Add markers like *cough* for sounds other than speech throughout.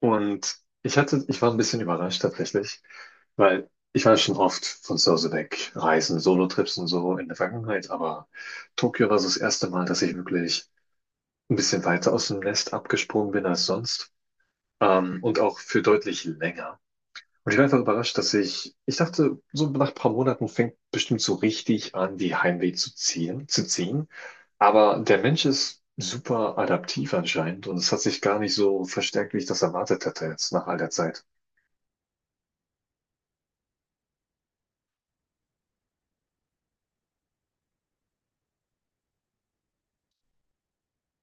Und ich war ein bisschen überrascht tatsächlich, weil ich war schon oft von zu Hause weg, Reisen, Solo-Trips und so in der Vergangenheit, aber Tokio war so das erste Mal, dass ich wirklich ein bisschen weiter aus dem Nest abgesprungen bin als sonst, und auch für deutlich länger. Und ich war einfach überrascht, dass ich dachte, so nach ein paar Monaten fängt bestimmt so richtig an, die Heimweh zu ziehen. Aber der Mensch ist super adaptiv anscheinend und es hat sich gar nicht so verstärkt, wie ich das erwartet hatte jetzt nach all der Zeit.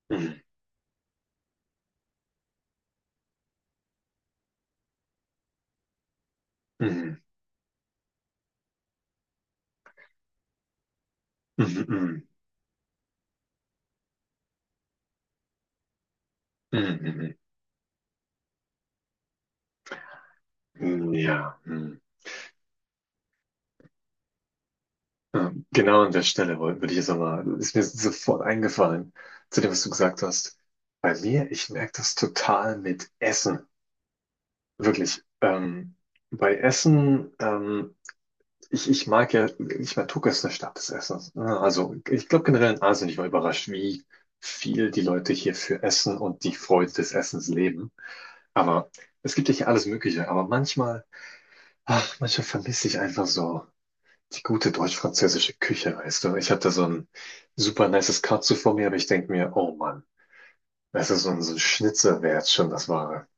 Mhm. Mhm. Mhm. Mhm. Mhm. Mhm. Ja. Mhm. Ja, genau an der Stelle würde ich jetzt nochmal, ist mir sofort eingefallen, zu dem, was du gesagt hast. Bei mir, ich merke das total mit Essen. Wirklich. Bei Essen, ich mag ja, ich meine, Tokio ist eine Stadt des Essens, ne? Also ich glaube generell in Asien, ich war überrascht, wie viel die Leute hier für Essen und die Freude des Essens leben. Aber es gibt ja hier alles Mögliche. Aber manchmal, ach, manchmal vermisse ich einfach so die gute deutsch-französische Küche, weißt du? Ich habe da so ein super nices Katsu vor mir, aber ich denke mir, oh Mann, das ist so ein Schnitzer wär jetzt schon das Wahre.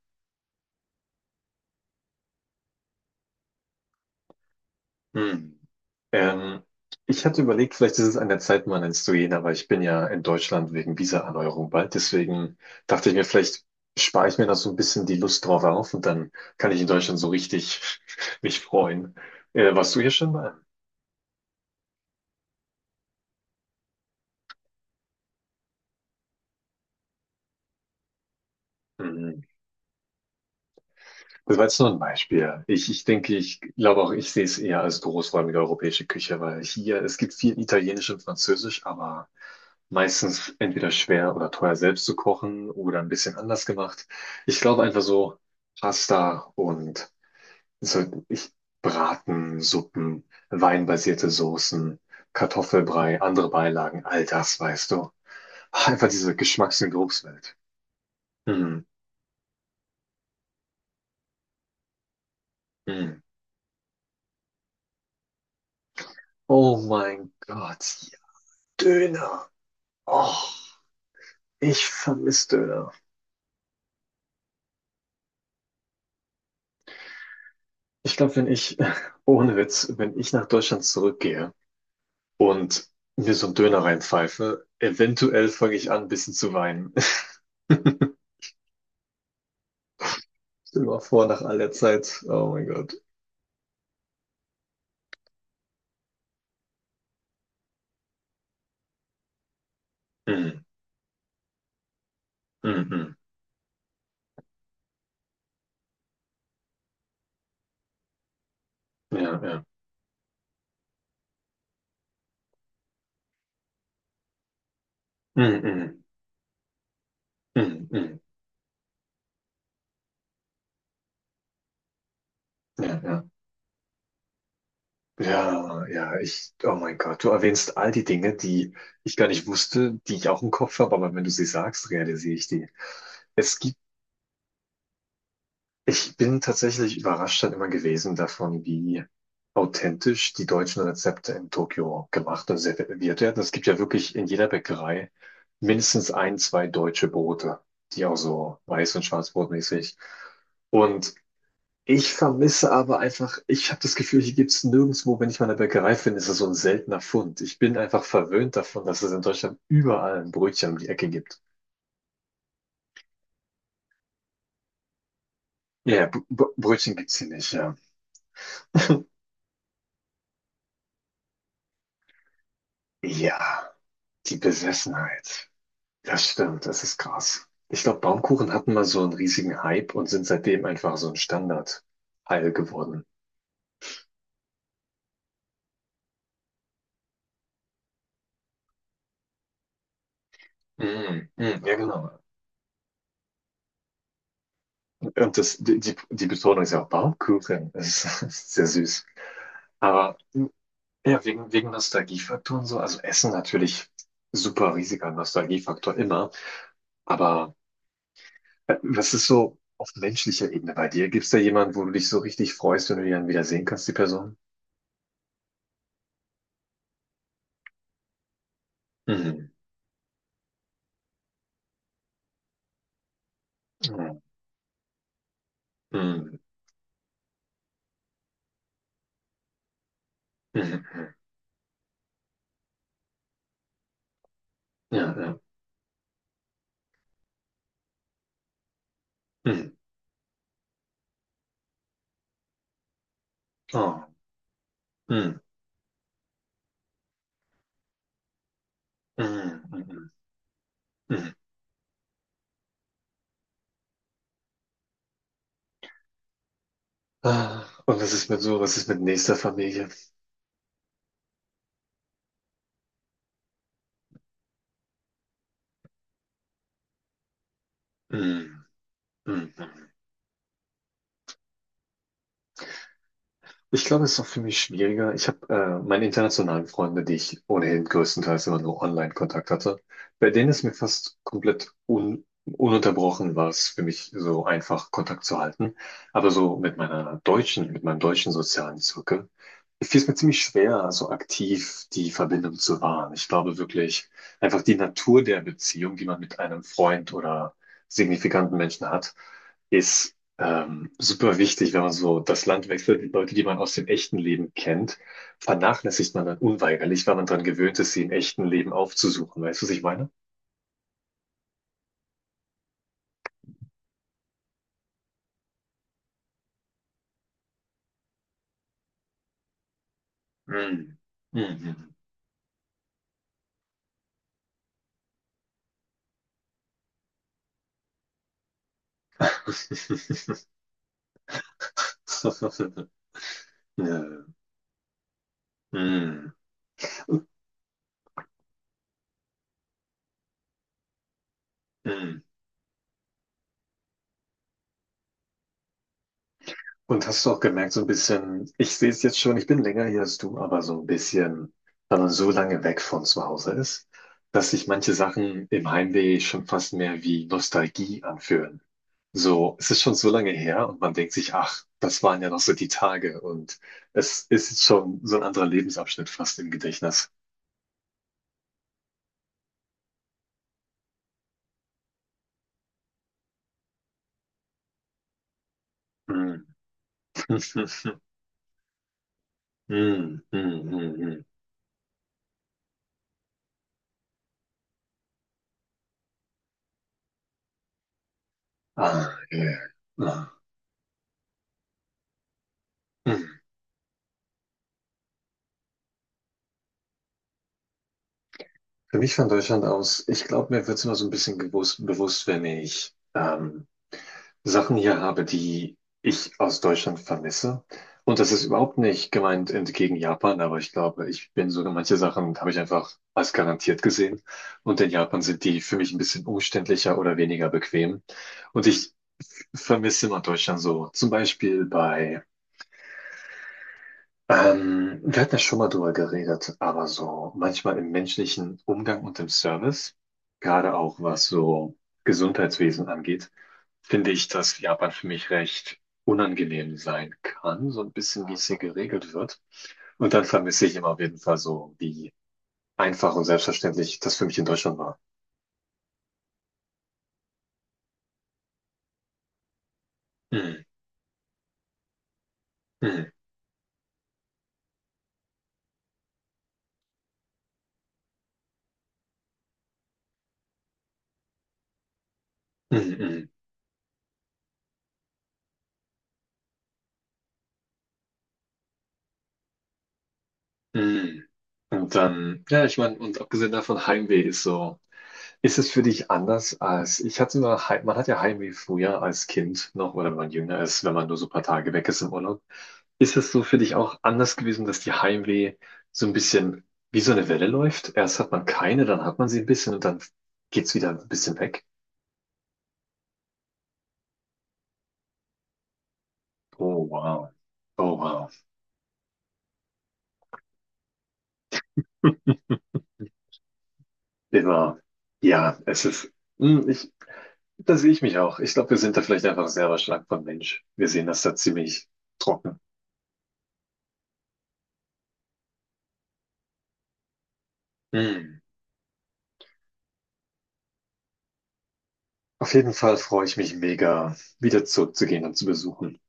Hm. Ähm, Ich hatte überlegt, vielleicht ist es an der Zeit, mal ins zu gehen, aber ich bin ja in Deutschland wegen Visa-Erneuerung bald. Deswegen dachte ich mir, vielleicht spare ich mir noch so ein bisschen die Lust drauf auf und dann kann ich in Deutschland so richtig *laughs* mich freuen. Warst du hier schon mal? Das war jetzt nur ein Beispiel. Ich denke, ich glaube auch, ich sehe es eher als großräumige europäische Küche, weil hier, es gibt viel Italienisch und Französisch, aber meistens entweder schwer oder teuer selbst zu kochen oder ein bisschen anders gemacht. Ich glaube einfach so Pasta und so, Braten, Suppen, weinbasierte Soßen, Kartoffelbrei, andere Beilagen, all das, weißt du. Einfach diese Geschmacks- und Geruchswelt. Mm, mm. Oh mein Gott, ja, Döner. Oh. Ich vermisse Döner. Ich glaube, wenn ich, *laughs* ohne Witz, wenn ich nach Deutschland zurückgehe und mir so einen Döner reinpfeife, eventuell fange ich an, ein bisschen zu weinen. *laughs* Stell dir mal vor, nach all der Zeit. Oh mein Gott. Mm, mm, mm. Ja, ja. Mm, mm, mm, mm. Ja, ja. Ja, ja, oh mein Gott, du erwähnst all die Dinge, die ich gar nicht wusste, die ich auch im Kopf habe, aber wenn du sie sagst, realisiere ich die. Es Ich bin tatsächlich überrascht dann immer gewesen davon, wie authentisch die deutschen Rezepte in Tokio gemacht und serviert werden. Es gibt ja wirklich in jeder Bäckerei mindestens ein, zwei deutsche Brote, die auch so weiß- und schwarzbrotmäßig. Und ich vermisse aber einfach, ich habe das Gefühl, hier gibt's nirgendwo, wenn ich mal eine Bäckerei finde, ist das so ein seltener Fund. Ich bin einfach verwöhnt davon, dass es in Deutschland überall ein Brötchen um die Ecke gibt. Ja, Br Br Brötchen gibt's hier nicht, ja. Ja, die Besessenheit. Das stimmt, das ist krass. Ich glaube, Baumkuchen hatten mal so einen riesigen Hype und sind seitdem einfach so ein Standardteil geworden. Mm, mm, ja, genau. Und das, die, die die Betonung ist ja auch Baumkuchen. Das ist *laughs* das ist sehr süß. Aber mm, ja, wegen Nostalgiefaktoren so, also Essen natürlich super riesiger Nostalgiefaktor immer. Aber was ist so auf menschlicher Ebene bei dir? Gibt's da jemanden, wo du dich so richtig freust, wenn du die dann wieder sehen kannst, die Person? Mhm. Mhm. Mhm. Mhm. Ja, ja. Mhm. Oh. Mhm. Mhm. Mhm. Mhm. Ah, und was ist mit nächster Familie? Mhm. Mhm. Ich glaube, es ist auch für mich schwieriger. Ich habe meine internationalen Freunde, die ich ohnehin größtenteils immer nur Online-Kontakt hatte. Bei denen ist mir fast komplett un ununterbrochen war es für mich so einfach, Kontakt zu halten. Aber so mit meinem deutschen sozialen Zirkel fiel es mir ziemlich schwer, so aktiv die Verbindung zu wahren. Ich glaube wirklich, einfach die Natur der Beziehung, die man mit einem Freund oder signifikanten Menschen hat, ist super wichtig, wenn man so das Land wechselt. Die Leute, die man aus dem echten Leben kennt, vernachlässigt man dann unweigerlich, weil man daran gewöhnt ist, sie im echten Leben aufzusuchen. Weißt du, was ich meine? Mm. Mhm. *laughs* Ja. Mm. Mm. Und hast du auch gemerkt, so ein bisschen, ich sehe es jetzt schon, ich bin länger hier als du, aber so ein bisschen, wenn man so lange weg von zu Hause ist, dass sich manche Sachen im Heimweh schon fast mehr wie Nostalgie anfühlen. So, es ist schon so lange her und man denkt sich, ach, das waren ja noch so die Tage und es ist jetzt schon so ein anderer Lebensabschnitt fast im Gedächtnis. Mm. *laughs* Mm, mm, mm, mm. Ah, yeah. Ah. Mm. Für mich von Deutschland aus, ich glaube, mir wird es immer so ein bisschen bewusst, wenn ich Sachen hier habe, die ich aus Deutschland vermisse. Und das ist überhaupt nicht gemeint entgegen Japan, aber ich glaube, ich bin sogar manche Sachen habe ich einfach als garantiert gesehen. Und in Japan sind die für mich ein bisschen umständlicher oder weniger bequem. Und ich vermisse immer Deutschland so. Zum Beispiel bei wir hatten ja schon mal drüber geredet, aber so manchmal im menschlichen Umgang und im Service, gerade auch was so Gesundheitswesen angeht, finde ich, dass Japan für mich recht unangenehm sein kann, so ein bisschen, wie es hier geregelt wird. Und dann vermisse ich immer auf jeden Fall so, wie einfach und selbstverständlich das für mich in Deutschland war. Mm, mm, mm, mm, mm. Und dann, ja, ich meine, und abgesehen davon, Heimweh ist so. Ist es für dich anders als, ich hatte mal, man hat ja Heimweh früher als Kind noch oder wenn man jünger ist, wenn man nur so ein paar Tage weg ist im Urlaub. Ist es so für dich auch anders gewesen, dass die Heimweh so ein bisschen wie so eine Welle läuft? Erst hat man keine, dann hat man sie ein bisschen und dann geht's wieder ein bisschen weg. Oh, wow. Oh, wow. *laughs* Immer. Ja, es ist, hm, ich, da sehe ich mich auch. Ich glaube, wir sind da vielleicht einfach selber stark von Mensch. Wir sehen das da ziemlich trocken. Hm. Auf jeden Fall freue ich mich mega, wieder zurückzugehen und zu besuchen.